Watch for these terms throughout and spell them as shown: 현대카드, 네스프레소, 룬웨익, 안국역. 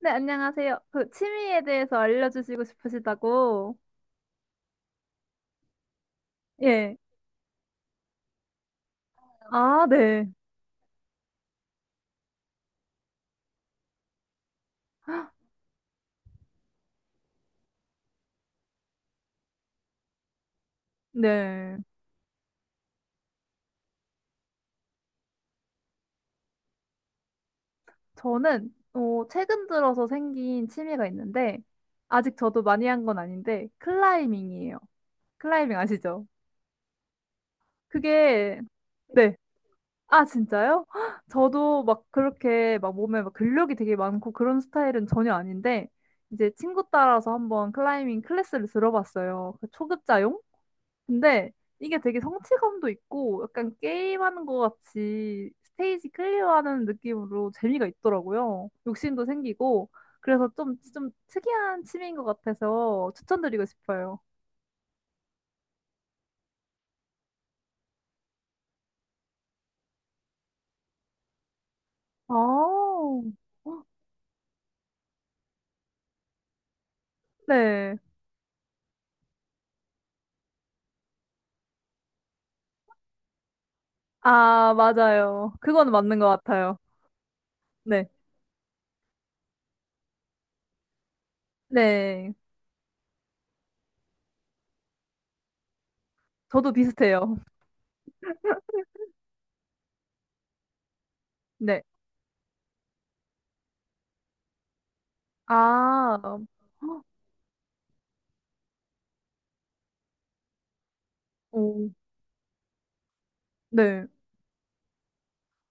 네, 안녕하세요. 그 취미에 대해서 알려주시고 싶으시다고. 예. 아, 네. 네. 저는 최근 들어서 생긴 취미가 있는데 아직 저도 많이 한 건 아닌데 클라이밍이에요. 클라이밍 아시죠? 그게 네. 아, 진짜요? 헉, 저도 막 그렇게 막 몸에 막 근력이 되게 많고 그런 스타일은 전혀 아닌데 이제 친구 따라서 한번 클라이밍 클래스를 들어봤어요. 그 초급자용? 근데 이게 되게 성취감도 있고 약간 게임하는 것 같이 스테이지 클리어하는 느낌으로 재미가 있더라고요. 욕심도 생기고 그래서 좀 특이한 취미인 것 같아서 추천드리고 싶어요. 아, 어, 네. 아, 맞아요. 그건 맞는 것 같아요. 네. 네. 저도 비슷해요. 네. 아, 오. 네.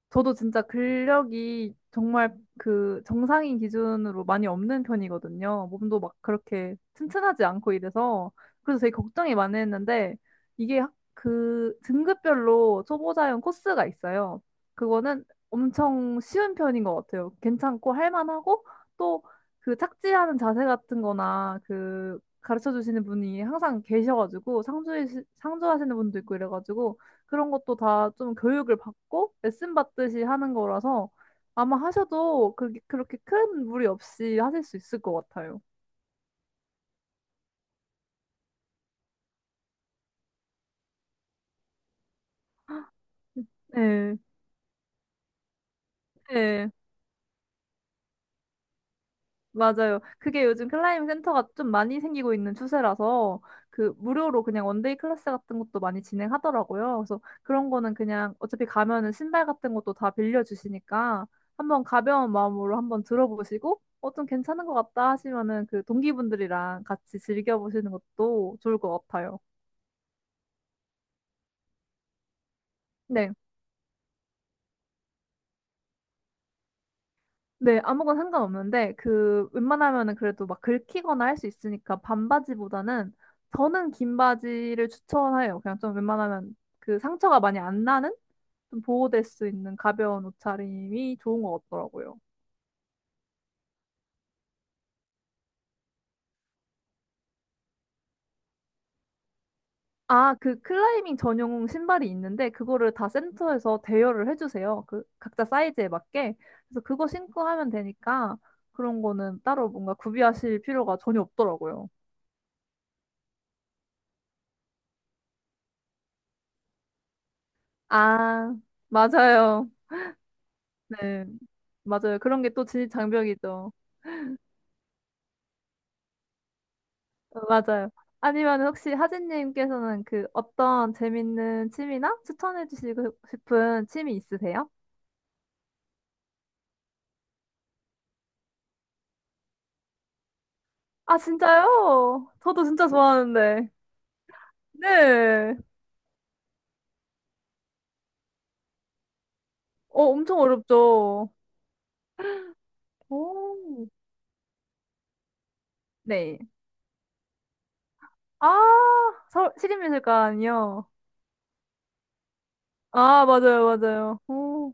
저도 진짜 근력이 정말 그 정상인 기준으로 많이 없는 편이거든요. 몸도 막 그렇게 튼튼하지 않고 이래서. 그래서 되게 걱정이 많이 했는데, 이게 그 등급별로 초보자용 코스가 있어요. 그거는 엄청 쉬운 편인 것 같아요. 괜찮고 할만하고, 또 그 착지하는 자세 같은 거나 그 가르쳐 주시는 분이 항상 계셔가지고, 상주하시는 분도 있고 이래가지고, 그런 것도 다 좀 교육을 받고 레슨 받듯이 하는 거라서 아마 하셔도 그, 그렇게 큰 무리 없이 하실 수 있을 것 같아요. 네. 네. 맞아요. 그게 요즘 클라이밍 센터가 좀 많이 생기고 있는 추세라서 그 무료로 그냥 원데이 클래스 같은 것도 많이 진행하더라고요. 그래서 그런 거는 그냥 어차피 가면은 신발 같은 것도 다 빌려주시니까 한번 가벼운 마음으로 한번 들어보시고 좀 괜찮은 것 같다 하시면은 그 동기분들이랑 같이 즐겨보시는 것도 좋을 것 같아요. 네. 네, 아무거나 상관없는데, 그, 웬만하면은 그래도 막 긁히거나 할 수 있으니까 반바지보다는 저는 긴 바지를 추천해요. 그냥 좀 웬만하면 그 상처가 많이 안 나는? 좀 보호될 수 있는 가벼운 옷차림이 좋은 것 같더라고요. 아, 그 클라이밍 전용 신발이 있는데, 그거를 다 센터에서 대여를 해주세요. 그, 각자 사이즈에 맞게. 그래서 그거 신고 하면 되니까 그런 거는 따로 뭔가 구비하실 필요가 전혀 없더라고요. 아, 맞아요. 네, 맞아요. 그런 게 또 진입 장벽이죠. 어, 맞아요. 아니면 혹시 하진님께서는 그 어떤 재밌는 취미나 추천해 주시고 싶은 취미 있으세요? 아, 진짜요? 저도 진짜 좋아하는데. 네. 어, 엄청 어렵죠. 오. 네. 아, 시립미술관이요. 아, 맞아요, 맞아요. 오.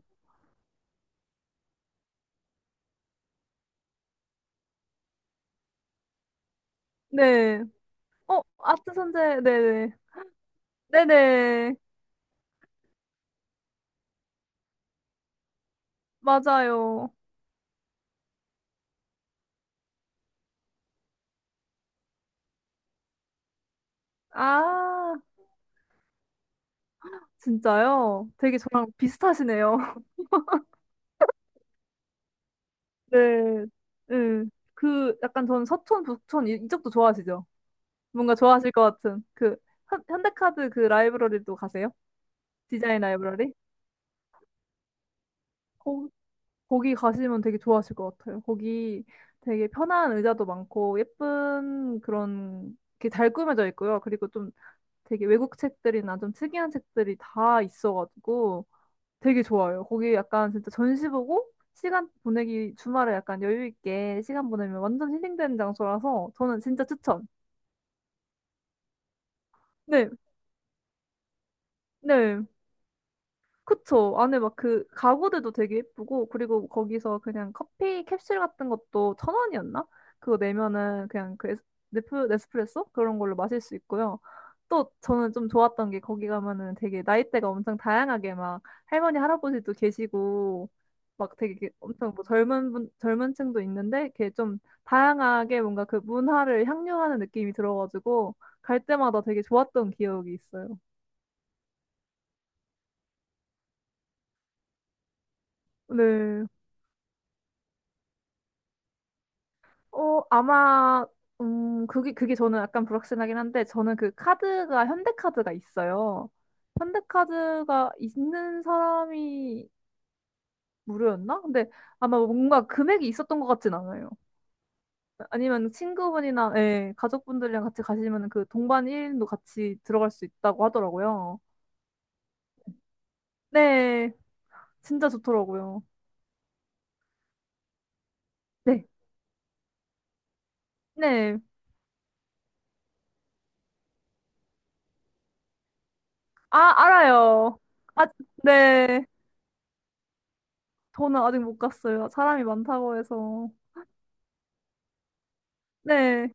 네. 어, 아트 선재, 네네. 네네. 맞아요. 아. 진짜요? 되게 저랑 비슷하시네요. 네. 네. 그 약간 저는 서촌, 북촌 이, 이쪽도 좋아하시죠? 뭔가 좋아하실 것 같은 그 현대카드 그 라이브러리도 가세요? 디자인 라이브러리? 거, 거기 가시면 되게 좋아하실 것 같아요. 거기 되게 편한 의자도 많고 예쁜 그런 게 잘 꾸며져 있고요. 그리고 좀 되게 외국 책들이나 좀 특이한 책들이 다 있어가지고 되게 좋아요. 거기 약간 진짜 전시 보고 시간 보내기 주말에 약간 여유 있게 시간 보내면 완전 힐링되는 장소라서 저는 진짜 추천. 네, 네. 그쵸. 안에 막 그 가구들도 되게 예쁘고, 그리고 거기서 그냥 커피 캡슐 같은 것도 천 원이었나? 그거 내면은 그냥 그 네스프레소? 그런 걸로 마실 수 있고요. 또 저는 좀 좋았던 게 거기 가면은 되게 나이대가 엄청 다양하게 막 할머니, 할아버지도 계시고, 막 되게 이렇게 엄청 뭐 젊은 분, 젊은 층도 있는데, 이렇게 좀 다양하게 뭔가 그 문화를 향유하는 느낌이 들어가지고, 갈 때마다 되게 좋았던 기억이 있어요. 네. 어, 아마, 그게, 그게 저는 약간 불확실하긴 한데, 저는 그 카드가, 현대카드가 있어요. 현대카드가 있는 사람이 무료였나? 근데 아마 뭔가 금액이 있었던 것 같진 않아요. 아니면 친구분이나, 예, 가족분들이랑 같이 가시면 그 동반 1인도 같이 들어갈 수 있다고 하더라고요. 네, 진짜 좋더라고요. 네, 네. 아, 알아요. 아, 네. 저는 아직 못 갔어요. 사람이 많다고 해서. 네.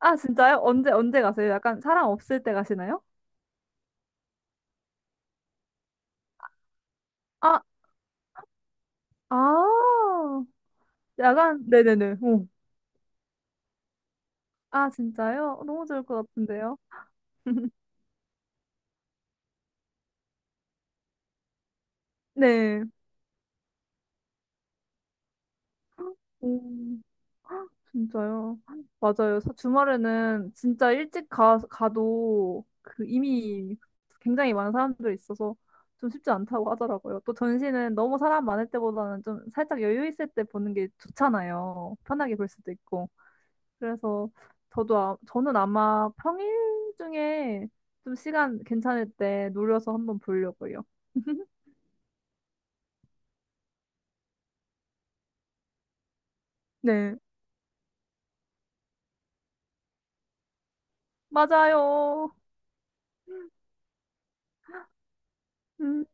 아, 진짜요? 언제 가세요? 약간 사람 없을 때 가시나요? 아, 아, 약간, 네네네. 오. 아, 진짜요? 어, 너무 좋을 것 같은데요? 네. 오, 진짜요? 맞아요. 주말에는 진짜 일찍 가도 그 이미 굉장히 많은 사람들이 있어서 좀 쉽지 않다고 하더라고요. 또 전시는 너무 사람 많을 때보다는 좀 살짝 여유 있을 때 보는 게 좋잖아요. 편하게 볼 수도 있고. 그래서 저도 아, 저는 아마 평일 중에 좀 시간 괜찮을 때 노려서 한번 보려고요. 네, 맞아요. 음,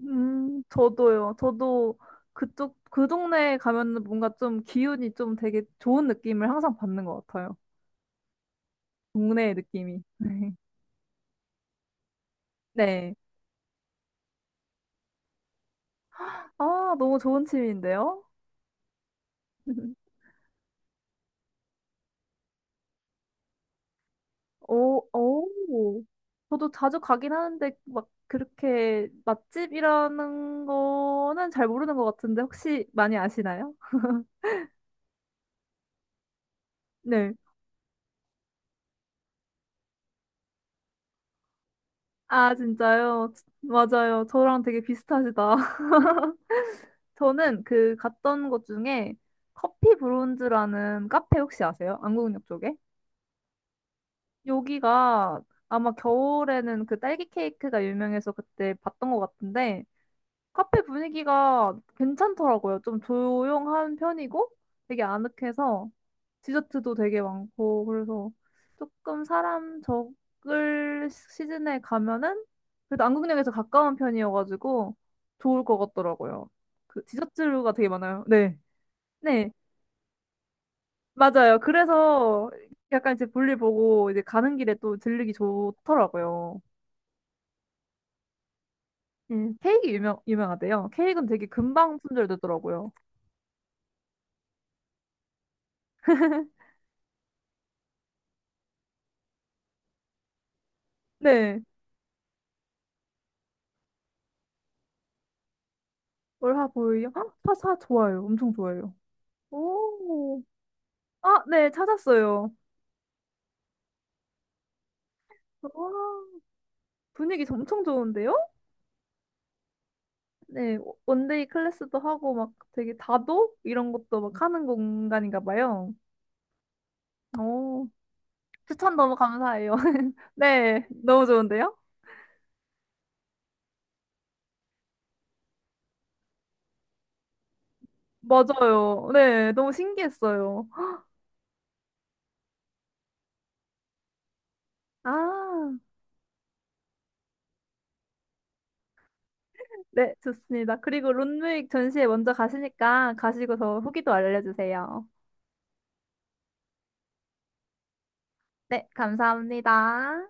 저도요. 저도 그쪽 그 동네에 가면 뭔가 좀 기운이 좀 되게 좋은 느낌을 항상 받는 것 같아요. 동네의 느낌이. 네. 아, 너무 좋은 취미인데요. 오, 오. 저도 자주 가긴 하는데, 막, 그렇게 맛집이라는 거는 잘 모르는 것 같은데, 혹시 많이 아시나요? 네. 아, 진짜요? 맞아요. 저랑 되게 비슷하시다. 저는 그 갔던 곳 중에 커피 브론즈라는 카페 혹시 아세요? 안국역 쪽에? 여기가 아마 겨울에는 그 딸기 케이크가 유명해서 그때 봤던 것 같은데, 카페 분위기가 괜찮더라고요. 좀 조용한 편이고 되게 아늑해서 디저트도 되게 많고 그래서 조금 사람 적을 시즌에 가면은 그래도 안국역에서 가까운 편이어가지고 좋을 것 같더라고요. 그 디저트류가 되게 많아요. 네. 네. 맞아요. 그래서 약간 이제 볼일 보고 이제 가는 길에 또 들르기 좋더라고요. 케이크 유명하대요. 케이크는 되게 금방 품절되더라고요. 네. 월화보일요? 아, 사사 좋아요. 엄청 좋아요. 오, 아, 네, 찾았어요. 와, 분위기 엄청 좋은데요? 네, 원데이 클래스도 하고 막 되게 다도 이런 것도 막 하는 공간인가 봐요. 오, 추천 너무 감사해요. 네, 너무 좋은데요? 맞아요. 네, 너무 신기했어요. 아, 네, 좋습니다. 그리고 룬웨익 전시회 먼저 가시니까 가시고서 후기도 알려주세요. 네, 감사합니다.